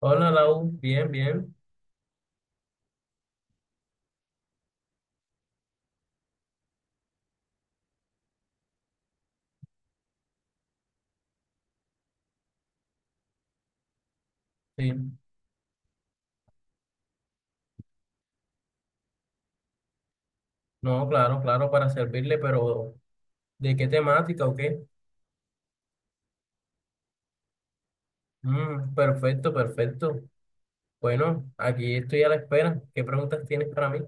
Hola, Lau. Bien, bien. Sí. No, claro, claro, para servirle, pero ¿de qué temática o qué? Perfecto, perfecto. Bueno, aquí estoy a la espera. ¿Qué preguntas tienes para mí?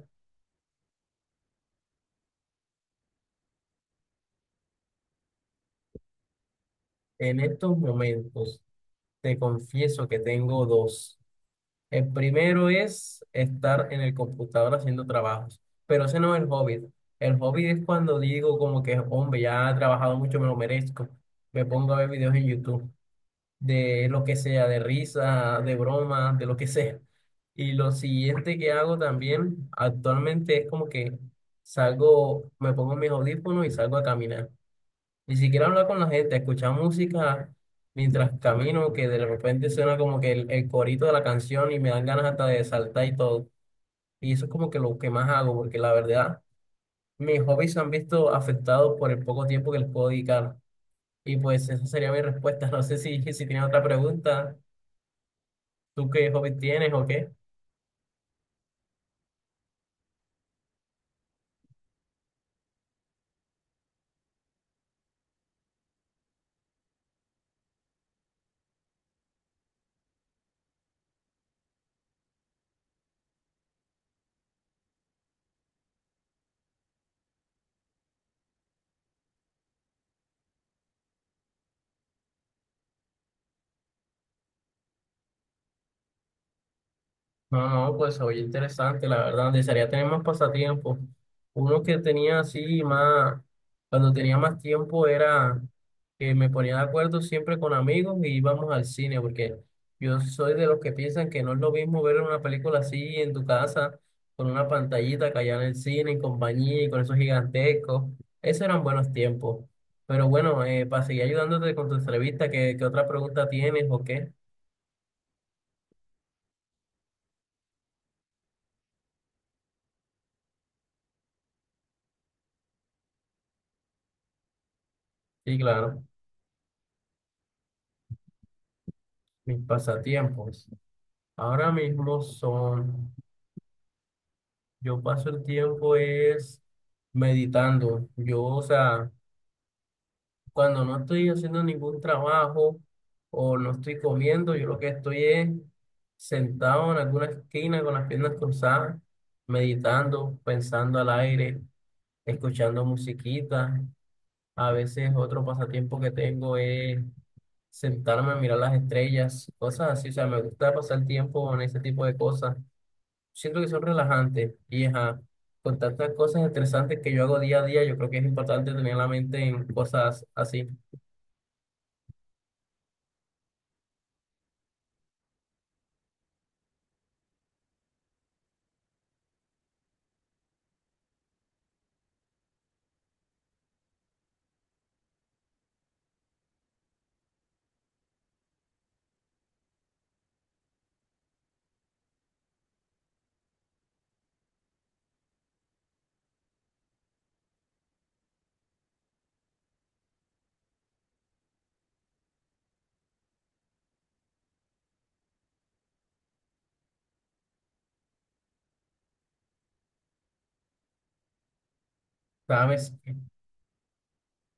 En estos momentos, te confieso que tengo dos. El primero es estar en el computador haciendo trabajos, pero ese no es el hobby. El hobby es cuando digo como que, hombre, ya he trabajado mucho, me lo merezco. Me pongo a ver videos en YouTube, de lo que sea, de risa, de broma, de lo que sea. Y lo siguiente que hago también actualmente es como que salgo, me pongo mis audífonos y salgo a caminar. Ni siquiera hablar con la gente, escuchar música mientras camino, que de repente suena como que el corito de la canción y me dan ganas hasta de saltar y todo. Y eso es como que lo que más hago, porque la verdad, mis hobbies se han visto afectados por el poco tiempo que les puedo dedicar. Y pues esa sería mi respuesta. No sé si tienen otra pregunta. ¿Tú qué hobby tienes o qué? No, no, pues oye, interesante, la verdad. Desearía tener más pasatiempos. Uno que tenía así más, cuando tenía más tiempo era que me ponía de acuerdo siempre con amigos y íbamos al cine, porque yo soy de los que piensan que no es lo mismo ver una película así en tu casa, con una pantallita que allá en el cine, en compañía y con esos gigantescos. Esos eran buenos tiempos. Pero bueno, para seguir ayudándote con tu entrevista, ¿qué, qué otra pregunta tienes o qué? Sí, claro. Mis pasatiempos. Ahora mismo son, yo paso el tiempo es meditando. Yo, o sea, cuando no estoy haciendo ningún trabajo o no estoy comiendo, yo lo que estoy es sentado en alguna esquina con las piernas cruzadas, meditando, pensando al aire, escuchando musiquita. A veces otro pasatiempo que tengo es sentarme a mirar las estrellas, cosas así. O sea, me gusta pasar tiempo en ese tipo de cosas. Siento que son relajantes y ajá, con tantas cosas estresantes que yo hago día a día, yo creo que es importante tener la mente en cosas así. Sabes,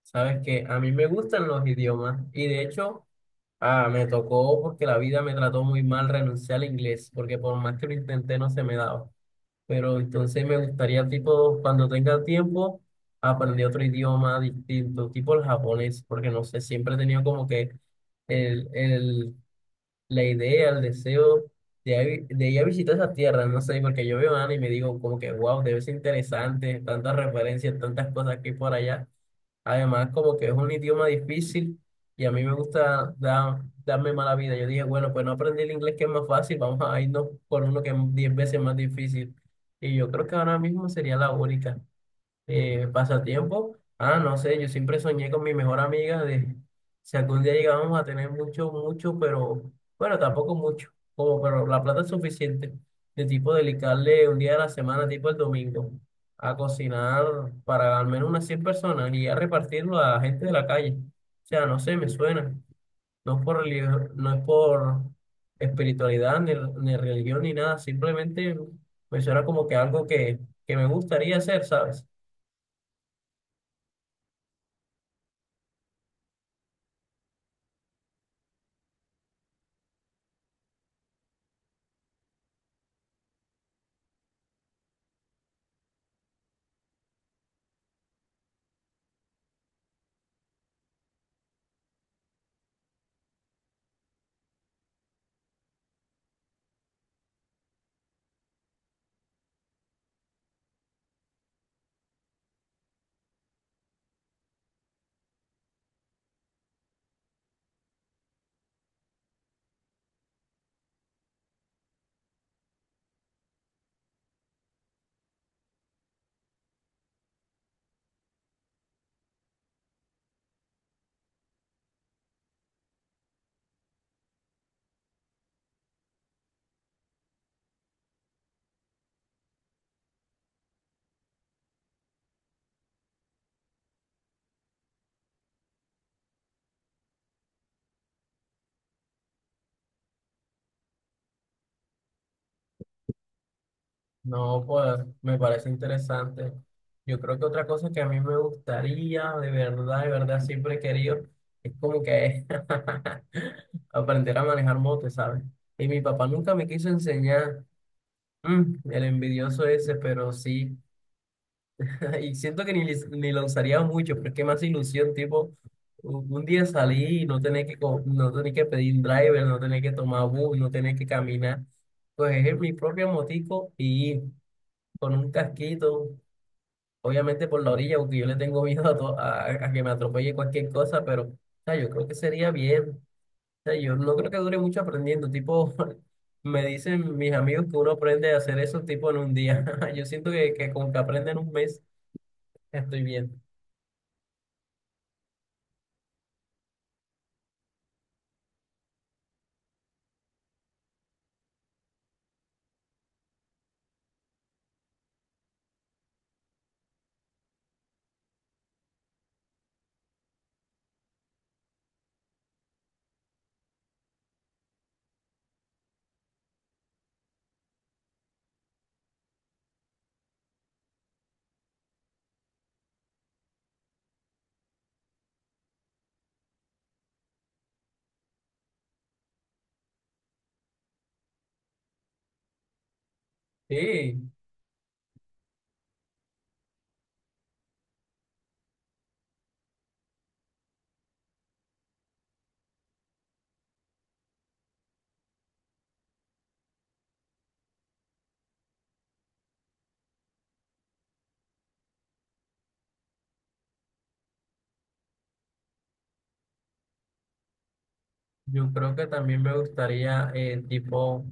sabes que a mí me gustan los idiomas y de hecho me tocó porque la vida me trató muy mal renunciar al inglés, porque por más que lo intenté no se me daba. Pero entonces me gustaría, tipo, cuando tenga tiempo, aprender otro idioma distinto, tipo el japonés, porque no sé, siempre he tenido como que... el la idea, el deseo de ir a visitar esa tierra, no sé, porque yo veo anime y me digo como que, wow, debe ser interesante, tantas referencias, tantas cosas aquí y por allá. Además, como que es un idioma difícil y a mí me gusta darme mala vida. Yo dije, bueno, pues no aprendí el inglés que es más fácil, vamos a irnos por uno que es 10 veces más difícil. Y yo creo que ahora mismo sería la única. Pasatiempo. Ah, no sé, yo siempre soñé con mi mejor amiga de si algún día llegábamos a tener mucho, mucho, pero bueno, tampoco mucho, como pero la plata es suficiente, de tipo dedicarle un día a la semana, tipo el domingo, a cocinar para al menos unas 100 personas y a repartirlo a gente de la calle. O sea, no sé, me suena. No es por no es por espiritualidad, ni, ni religión, ni nada, simplemente me suena como que algo que me gustaría hacer, ¿sabes? No, pues me parece interesante. Yo creo que otra cosa que a mí me gustaría, de verdad, siempre he querido, es como que aprender a manejar moto, ¿sabes? Y mi papá nunca me quiso enseñar. El envidioso ese, pero sí. Y siento que ni, ni lo usaría mucho, pero es que más ilusión, tipo, un día salí y no tener que pedir driver, no tener que tomar bus, no tener que caminar. Pues es mi propio motico y con un casquito, obviamente por la orilla, porque yo le tengo miedo a que me atropelle cualquier cosa, pero o sea, yo creo que sería bien. O sea, yo no creo que dure mucho aprendiendo. Tipo, me dicen mis amigos que uno aprende a hacer eso tipo en un día. Yo siento que, con que aprenda en un mes estoy bien. Sí, yo creo que también me gustaría, tipo,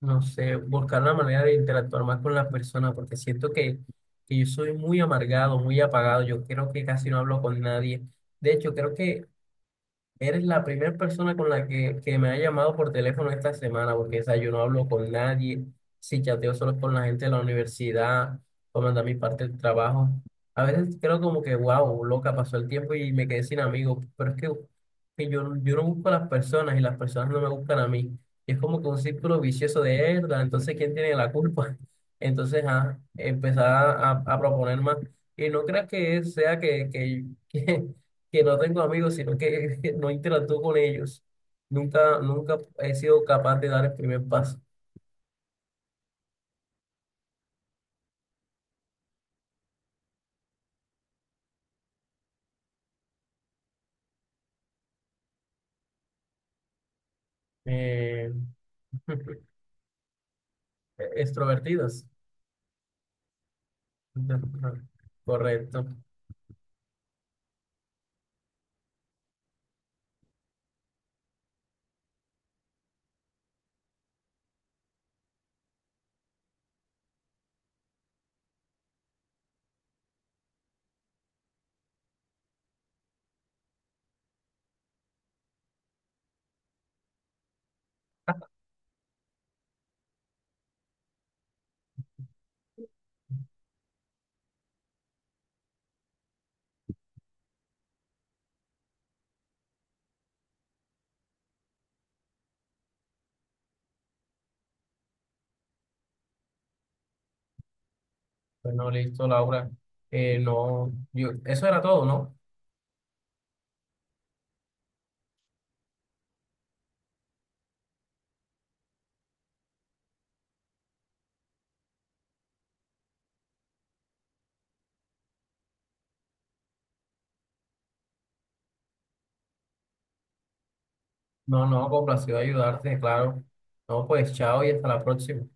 no sé, buscar la manera de interactuar más con las personas, porque siento que, yo soy muy amargado, muy apagado. Yo creo que casi no hablo con nadie. De hecho, creo que eres la primera persona con la que me ha llamado por teléfono esta semana, porque o sea, yo no hablo con nadie, si chateo solo con la gente de la universidad, o mandar mi parte del trabajo. A veces creo como que, wow, loca, pasó el tiempo y me quedé sin amigos, pero es que, yo no busco a las personas y las personas no me buscan a mí. Y es como que un círculo vicioso de herda, entonces ¿quién tiene la culpa? Entonces, empezar a proponer más. Y no creas que sea que, que no tengo amigos, sino que no interactúo con ellos. Nunca, nunca he sido capaz de dar el primer paso. Eh, extrovertidas. Correcto. Bueno, listo, Laura. No, yo, eso era todo, ¿no? No, no, complacido ayudarte, claro. No, pues chao y hasta la próxima.